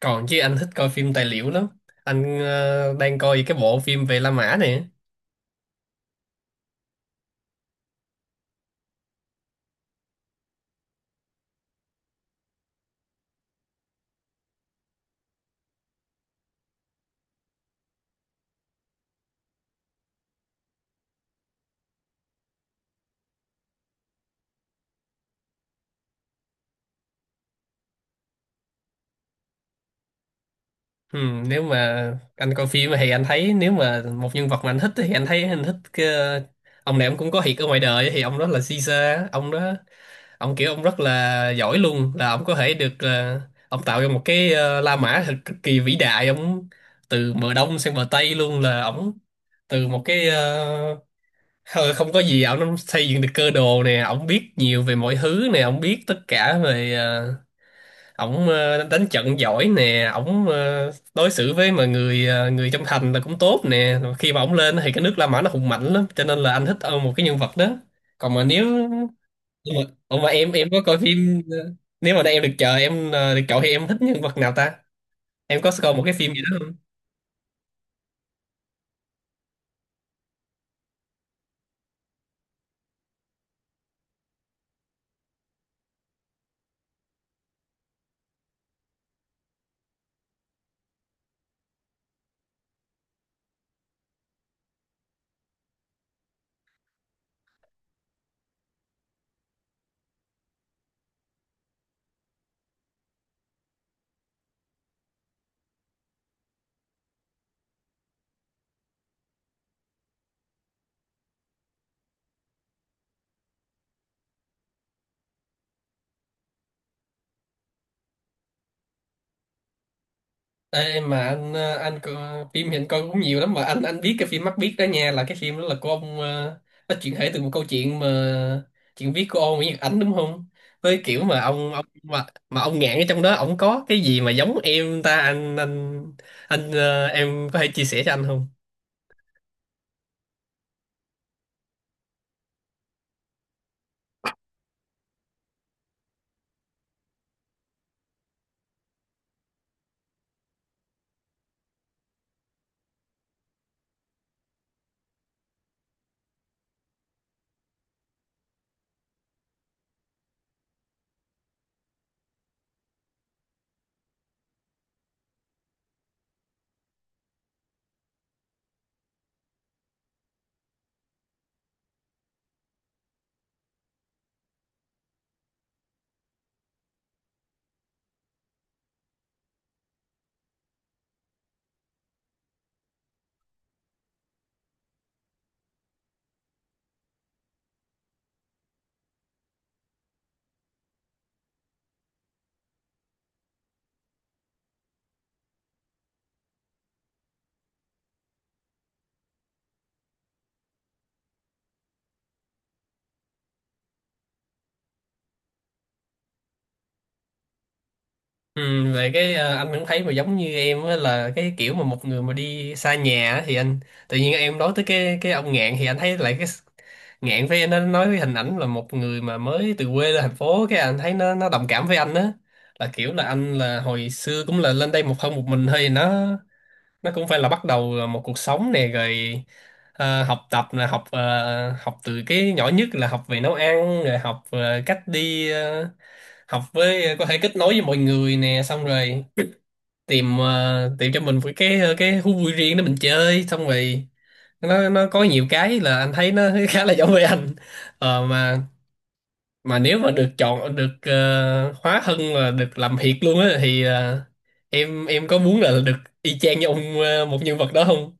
Còn chứ, anh thích coi phim tài liệu lắm. Anh đang coi cái bộ phim về La Mã này. Ừ, nếu mà anh coi phim thì anh thấy nếu mà một nhân vật mà anh thích thì anh thấy anh thích cái, ông này ông cũng có thiệt ở ngoài đời, thì ông đó là Caesar. Ông đó ông kiểu ông rất là giỏi luôn, là ông có thể được ông tạo ra một cái La Mã thật cực kỳ vĩ đại. Ông từ bờ đông sang bờ tây luôn, là ông từ một cái không có gì ổng xây dựng được cơ đồ nè, ổng biết nhiều về mọi thứ nè, ổng biết tất cả về ổng đánh trận giỏi nè, ổng đối xử với mà người người trong thành là cũng tốt nè. Rồi khi mà ổng lên thì cái nước La Mã nó hùng mạnh lắm, cho nên là anh thích một cái nhân vật đó. Còn mà nếu nhưng mà, ủa mà em có coi phim nếu mà em được chờ em được chọn thì em thích nhân vật nào ta, em có coi một cái phim gì đó không? Ê, mà anh anh có, phim hiện coi cũng nhiều lắm, mà anh biết cái phim Mắt Biếc đó nha, là cái phim đó là của ông nó chuyển thể từ một câu chuyện mà chuyện viết của ông Nguyễn Nhật Ánh đúng không? Với kiểu mà ông mà ông Ngạn ở trong đó ông có cái gì mà giống em ta, em có thể chia sẻ cho anh không? Ừ, về cái anh cũng thấy mà giống như em á, là cái kiểu mà một người mà đi xa nhà á, thì anh tự nhiên em nói tới cái ông Ngạn thì anh thấy lại cái Ngạn với nó nói cái hình ảnh là một người mà mới từ quê lên thành phố, cái anh thấy nó đồng cảm với anh á, là kiểu là anh là hồi xưa cũng là lên đây một thân một mình thôi. Nó cũng phải là bắt đầu một cuộc sống nè, rồi học tập là học học từ cái nhỏ nhất là học về nấu ăn, rồi học cách đi học với có thể kết nối với mọi người nè, xong rồi tìm tìm cho mình một cái cái thú vui riêng để mình chơi, xong rồi nó có nhiều cái là anh thấy nó khá là giống với anh. ờ, mà mà nếu mà được chọn được hóa thân là được làm thiệt luôn á thì em có muốn là được y chang như ông một nhân vật đó không?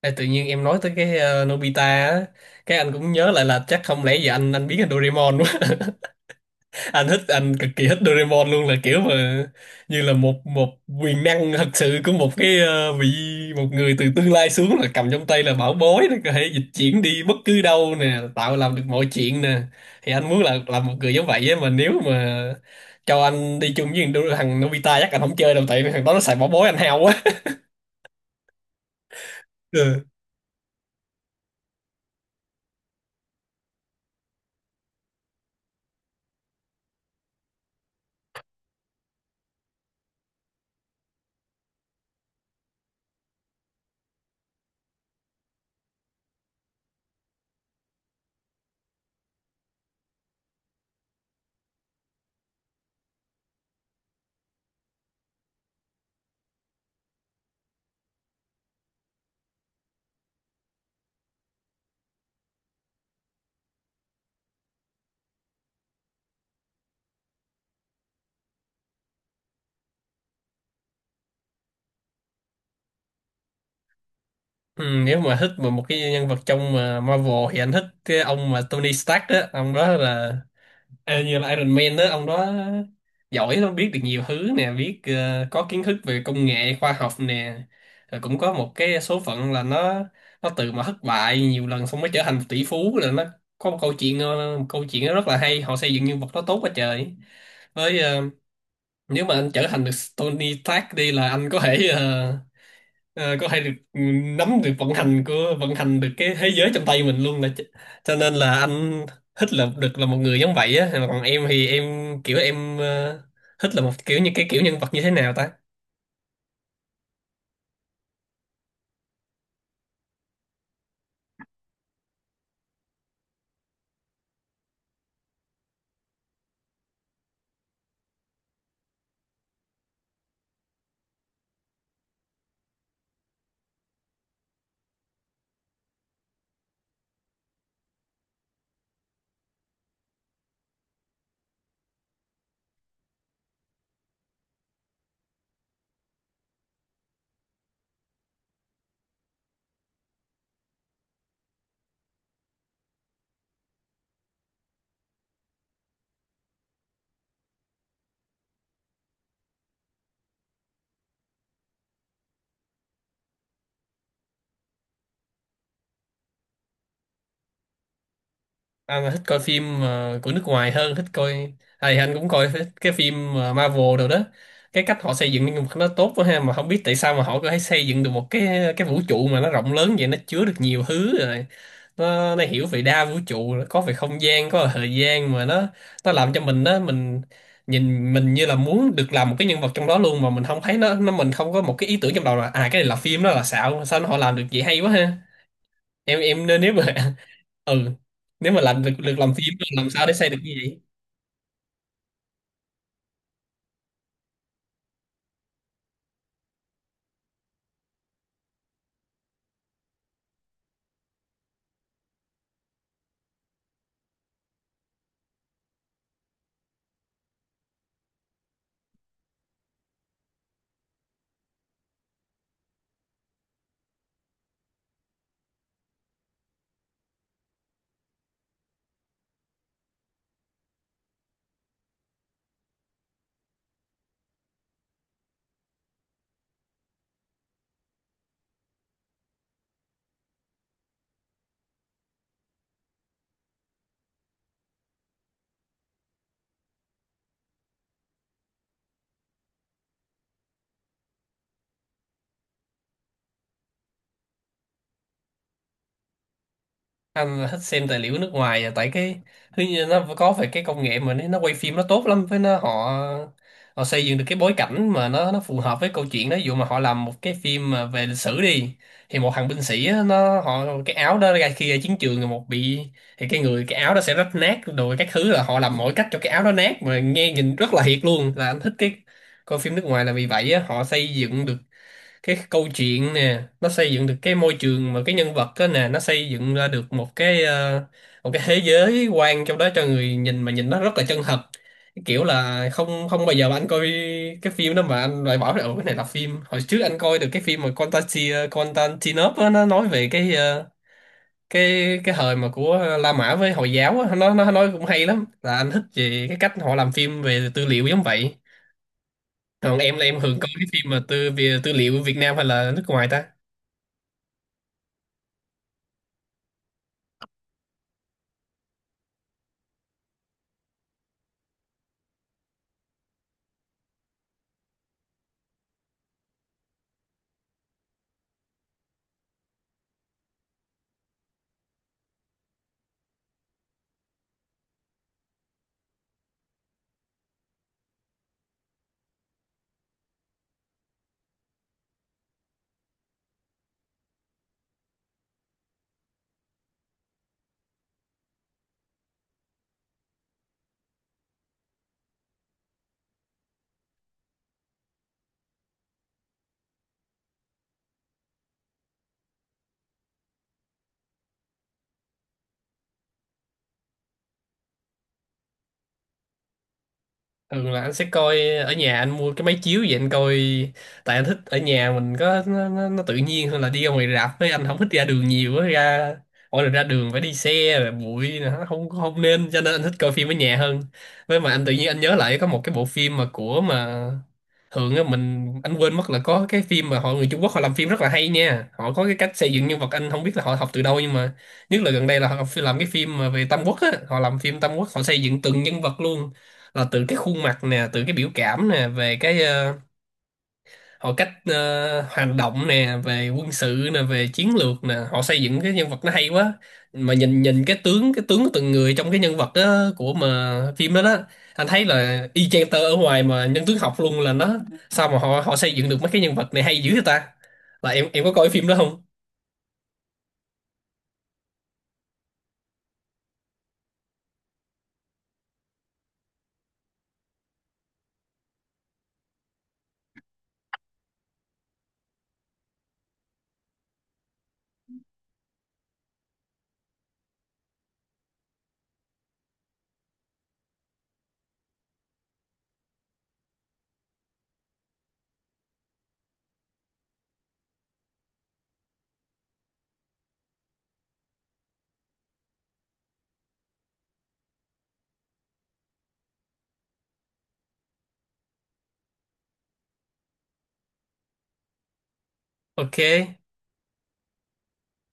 Ê, tự nhiên em nói tới cái Nobita á, cái anh cũng nhớ lại là chắc không lẽ giờ anh biến thành Doraemon. Anh thích, anh cực kỳ thích Doraemon luôn, là kiểu mà như là một một quyền năng thật sự của một cái vị một người từ tương lai xuống, là cầm trong tay là bảo bối, nó có thể dịch chuyển đi bất cứ đâu nè, tạo làm được mọi chuyện nè. Thì anh muốn là làm một người giống vậy á, mà nếu mà cho anh đi chung với thằng thằng Nobita chắc anh không chơi đâu, tại vì thằng đó nó xài bảo bối anh hao quá. Ừ. Ừ, nếu mà thích mà một cái nhân vật trong mà Marvel thì anh thích cái ông mà Tony Stark á, ông đó là như là Iron Man đó. Ông đó giỏi lắm, biết được nhiều thứ nè, biết có kiến thức về công nghệ khoa học nè, rồi cũng có một cái số phận là nó từ mà thất bại nhiều lần xong mới trở thành tỷ phú, là nó có một câu chuyện một câu chuyện rất là hay, họ xây dựng nhân vật đó tốt quá trời. Với nếu mà anh trở thành được Tony Stark đi là anh có thể có thể được nắm được vận hành của vận hành được cái thế giới trong tay mình luôn là cho nên là anh thích là được là một người giống vậy á. Còn em thì em kiểu em thích là một kiểu như cái kiểu nhân vật như thế nào ta? Anh là thích coi phim của nước ngoài hơn, thích coi à, thì anh cũng coi thích cái phim Marvel rồi đó. Cái cách họ xây dựng nhân vật nó tốt quá ha, mà không biết tại sao mà họ có thể xây dựng được một cái vũ trụ mà nó rộng lớn vậy, nó chứa được nhiều thứ rồi. Nó hiểu về đa vũ trụ, có về không gian, có về thời gian, mà nó làm cho mình đó mình nhìn mình như là muốn được làm một cái nhân vật trong đó luôn, mà mình không thấy nó mình không có một cái ý tưởng trong đầu là à cái này là phim đó là xạo, sao nó họ làm được vậy hay quá ha. Em nên nếu mà ừ nếu mà làm được được làm phim thì làm sao để xây được như vậy. Anh là thích xem tài liệu nước ngoài à, tại cái thứ như nó có phải cái công nghệ mà nó quay phim nó tốt lắm, với nó họ họ xây dựng được cái bối cảnh mà nó phù hợp với câu chuyện đó. Ví dụ mà họ làm một cái phim mà về lịch sử đi, thì một thằng binh sĩ á, nó họ cái áo đó ra khi ra chiến trường rồi một bị, thì cái người cái áo đó sẽ rách nát rồi các thứ, là họ làm mọi cách cho cái áo đó nát mà nghe nhìn rất là thiệt luôn. Là anh thích cái coi phim nước ngoài là vì vậy á, họ xây dựng được cái câu chuyện nè, nó xây dựng được cái môi trường mà cái nhân vật đó nè, nó xây dựng ra được một cái một cái thế giới quan trong đó cho người nhìn mà nhìn nó rất là chân thật. Cái kiểu là không không bao giờ mà anh coi cái phim đó mà anh loại bỏ là "Ủa, cái này là phim". Hồi trước anh coi được cái phim mà Constantine Constantinople á, nó nói về cái cái thời mà của La Mã với Hồi giáo á, nó nói cũng hay lắm, là anh thích về cái cách họ làm phim về tư liệu giống vậy. Còn em là em thường coi cái phim mà tư về tư liệu Việt Nam hay là nước ngoài ta? Thường là anh sẽ coi ở nhà, anh mua cái máy chiếu vậy anh coi. Tại anh thích ở nhà mình có nó tự nhiên hơn là đi ra ngoài rạp, với anh không thích ra đường nhiều á. Ra mỗi lần ra đường phải đi xe rồi bụi nữa không không nên, cho nên anh thích coi phim ở nhà hơn. Với mà anh tự nhiên anh nhớ lại có một cái bộ phim mà của mà thường á mình anh quên mất, là có cái phim mà họ người Trung Quốc họ làm phim rất là hay nha, họ có cái cách xây dựng nhân vật anh không biết là họ học từ đâu, nhưng mà nhất là gần đây là họ làm cái phim mà về Tam Quốc á, họ làm phim Tam Quốc họ xây dựng từng nhân vật luôn, là từ cái khuôn mặt nè, từ cái biểu cảm nè, về cái họ cách hành động nè, về quân sự nè, về chiến lược nè, họ xây dựng cái nhân vật nó hay quá. Mà nhìn nhìn cái tướng của từng người trong cái nhân vật đó, của mà phim đó đó, anh thấy là y chang tơ ở ngoài mà nhân tướng học luôn. Là nó sao mà họ họ xây dựng được mấy cái nhân vật này hay dữ vậy ta, là em có coi phim đó không? OK.